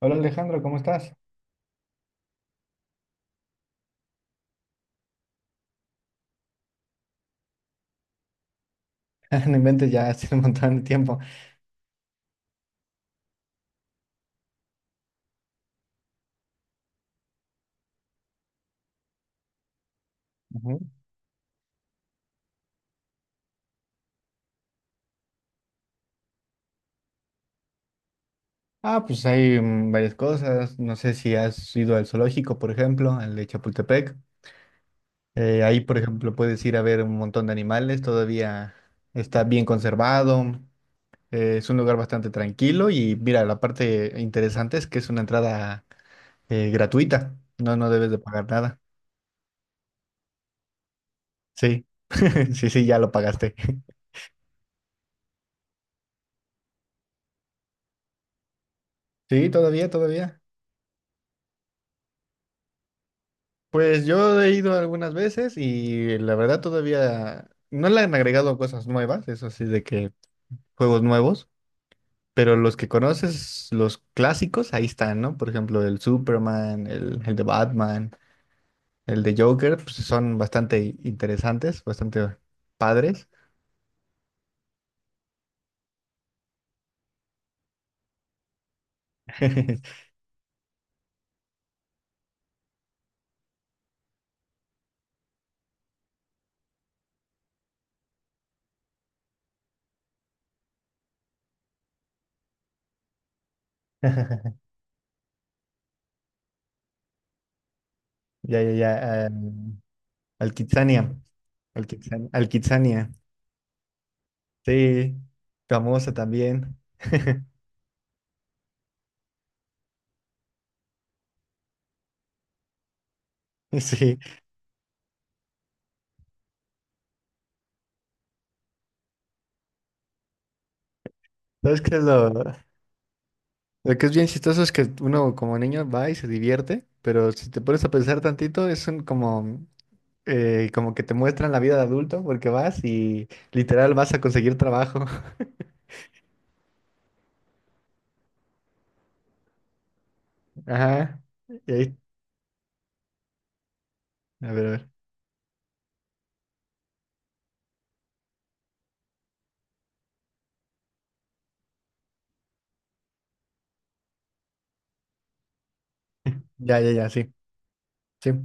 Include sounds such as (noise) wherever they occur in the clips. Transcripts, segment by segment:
Hola Alejandro, ¿cómo estás? (laughs) No inventes, ya hace un montón de tiempo. Ujú. Ah, pues hay varias cosas. No sé si has ido al zoológico, por ejemplo, al de Chapultepec. Ahí, por ejemplo, puedes ir a ver un montón de animales. Todavía está bien conservado. Es un lugar bastante tranquilo. Y mira, la parte interesante es que es una entrada gratuita. No, no debes de pagar nada. Sí, (laughs) sí, sí, ya lo pagaste. (laughs) Sí, todavía, todavía. Pues yo he ido algunas veces y la verdad todavía no le han agregado cosas nuevas, eso así de que juegos nuevos, pero los que conoces, los clásicos, ahí están, ¿no? Por ejemplo, el Superman, el de Batman, el de Joker, pues son bastante interesantes, bastante padres. (laughs) Ya, ya, ya. Al Kitsania. Al Kitsania. Sí, famosa también. (laughs) Sí. ¿Sabes qué es lo...? (laughs) Lo que es bien chistoso es que uno como niño va y se divierte, pero si te pones a pensar tantito, es un como, como que te muestran la vida de adulto, porque vas y literal vas a conseguir trabajo. (laughs) Ajá. Y ahí, a ver, a ver. (laughs) Ya, ya, ya, sí, sí. (laughs)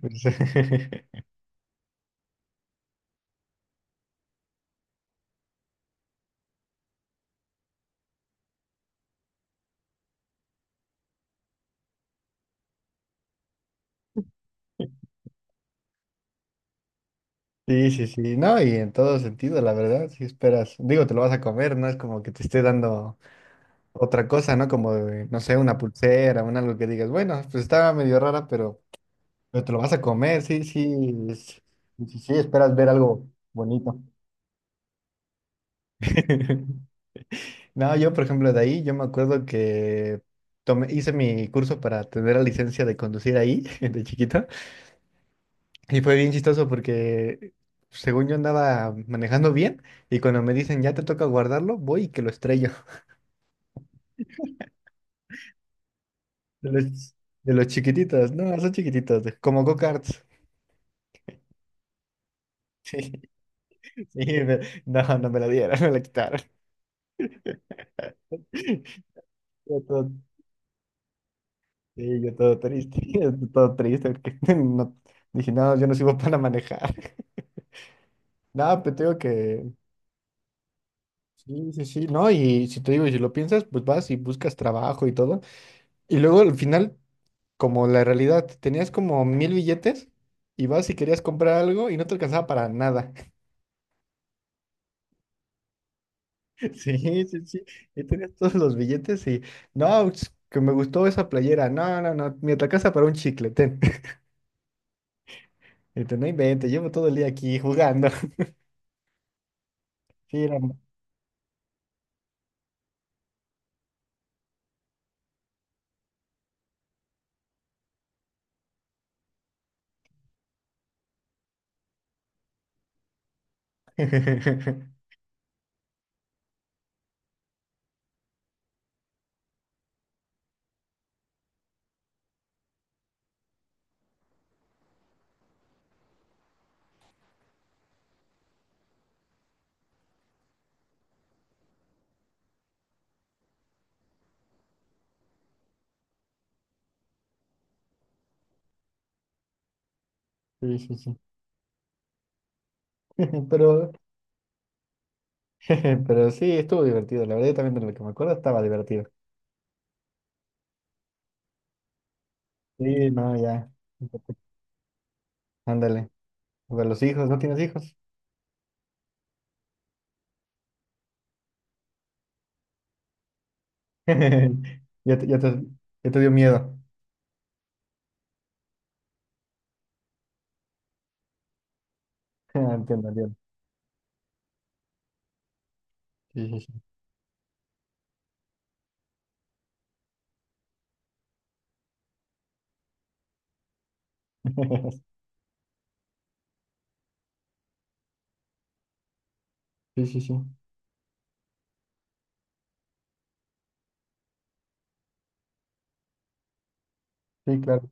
Pues, (laughs) sí, sí, sí. No, y en todo sentido, la verdad, si esperas, digo, te lo vas a comer, no es como que te esté dando otra cosa, ¿no? Como, no sé, una pulsera, un algo que digas, bueno, pues estaba medio rara, pero... Pero te lo vas a comer, sí, sí, sí, sí, esperas ver algo bonito. (laughs) No, yo, por ejemplo, de ahí, yo me acuerdo que tomé, hice mi curso para tener la licencia de conducir ahí, (laughs) de chiquito, y fue bien chistoso porque, según yo andaba manejando bien, y cuando me dicen, ya te toca guardarlo, voy y que lo estrello. (laughs) De los, de los chiquititos, no, son chiquititos, como go-karts. (laughs) Sí, no, no me la dieron, (laughs) me la quitaron. (laughs) Sí, yo todo triste, (laughs) todo triste, porque (laughs) no, dije, no, yo no sirvo para manejar. (laughs) Nada, pero te digo que, sí, sí, sí, no, y si te digo, y si lo piensas, pues vas y buscas trabajo y todo. Y luego al final, como la realidad, tenías como mil billetes y vas y querías comprar algo y no te alcanzaba para nada. (laughs) Sí, sí, sí, y tenías todos los billetes y, no, es que me gustó esa playera, no, no, no, me alcanza para un chicle, ten. (laughs) Y te no inventes, llevo todo el día aquí jugando. (laughs) Sí, (laughs) sí, sí, sí. (laughs) Pero, (laughs) pero sí, estuvo divertido. La verdad, yo también de lo que me acuerdo estaba divertido. Sí, no, ya. Ándale. Para los hijos, ¿no tienes hijos? (laughs) Ya te ya te dio miedo. (laughs) Ah, entiendo, entiendo. Sí, sí, sí. (laughs) Sí, sí, sí. Sí, claro.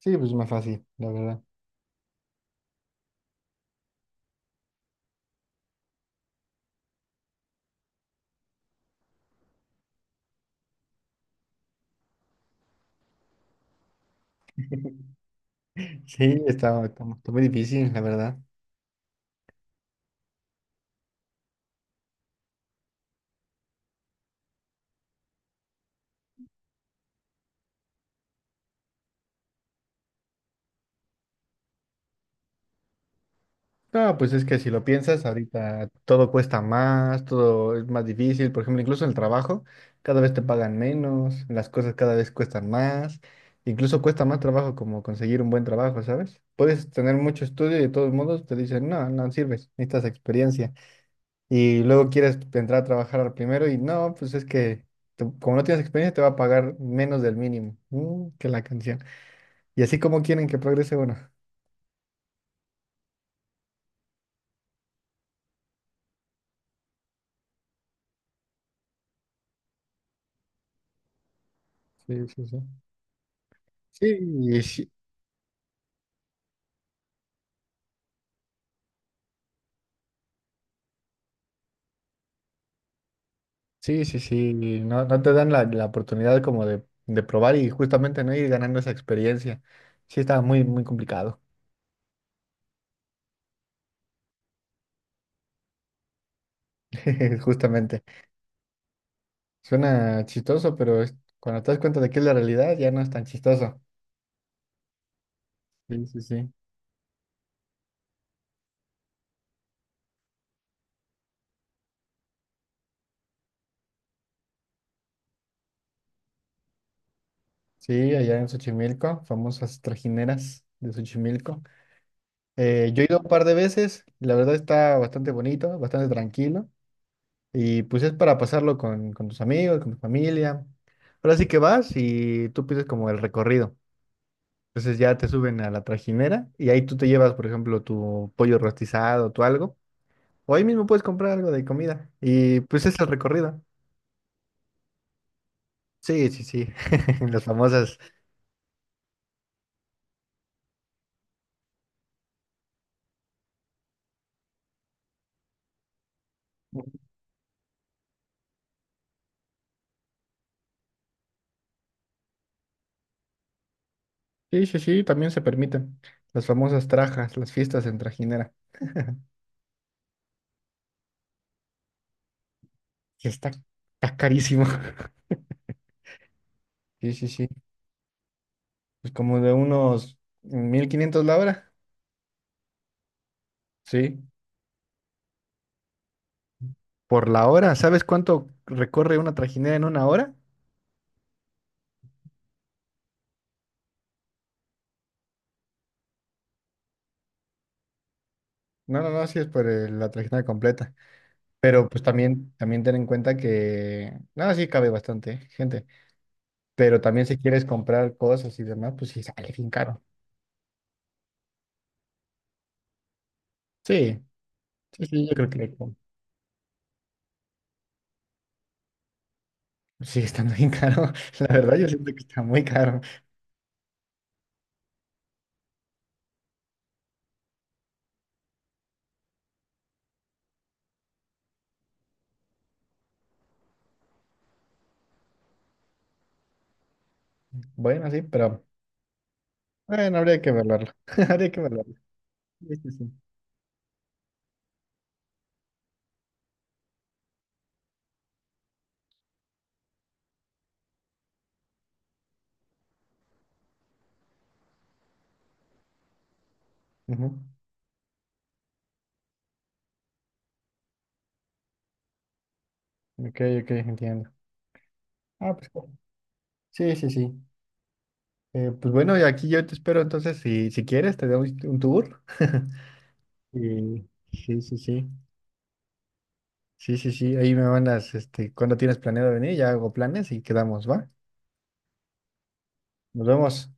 Sí, pues más fácil, la verdad. Sí, está, está muy difícil, la verdad. No, pues es que si lo piensas, ahorita todo cuesta más, todo es más difícil. Por ejemplo, incluso en el trabajo, cada vez te pagan menos, las cosas cada vez cuestan más. Incluso cuesta más trabajo como conseguir un buen trabajo, ¿sabes? Puedes tener mucho estudio y de todos modos te dicen, no, no sirves, necesitas experiencia. Y luego quieres entrar a trabajar primero y no, pues es que como no tienes experiencia te va a pagar menos del mínimo. Mm, que la canción. Y así como quieren que progrese uno. Sí, sí, sí. Sí, sí, sí, sí, no, no te dan la, la oportunidad como de probar y justamente no ir ganando esa experiencia. Sí, estaba muy, muy complicado, (laughs) justamente. Suena chistoso, pero cuando te das cuenta de que es la realidad, ya no es tan chistoso. Sí, sí, sí. Sí, allá en Xochimilco, famosas trajineras de Xochimilco. Yo he ido un par de veces, y la verdad está bastante bonito, bastante tranquilo, y pues es para pasarlo con tus amigos, con tu familia. Ahora sí que vas y tú pides como el recorrido. Entonces ya te suben a la trajinera y ahí tú te llevas, por ejemplo, tu pollo rostizado, tu algo. O ahí mismo puedes comprar algo de comida. Y pues es el recorrido. Sí, sí, sí. (laughs) Las famosas. Sí, sí, sí, también se permiten. Las famosas trajas, las fiestas en trajinera. Que está, está carísimo. (laughs) Sí, sí, sí. Pues como de unos 1500 la hora. Sí. Por la hora. ¿Sabes cuánto recorre una trajinera en una hora? No, no, no, sí es por la trajinera completa. Pero pues también, también ten en cuenta que, nada, sí cabe bastante gente, pero también si quieres comprar cosas y demás, pues sí sale bien caro. Sí, sí, sí, yo creo que como, sigue estando bien caro. (laughs) La verdad, yo siento que está muy caro. Bueno, sí, pero bueno, habría que evaluarlo. (laughs) Habría que evaluarlo. Sí, sí, sí. Ujú. Ok, ok, entiendo. Ah, pues bueno, sí, sí, sí. Pues bueno, y aquí yo te espero entonces, si, si quieres, te doy un tour. (laughs) Y sí, sí, sí. Sí, sí, sí, ahí me mandas, este, cuando tienes planeado venir, ya hago planes y quedamos, ¿va? Nos vemos.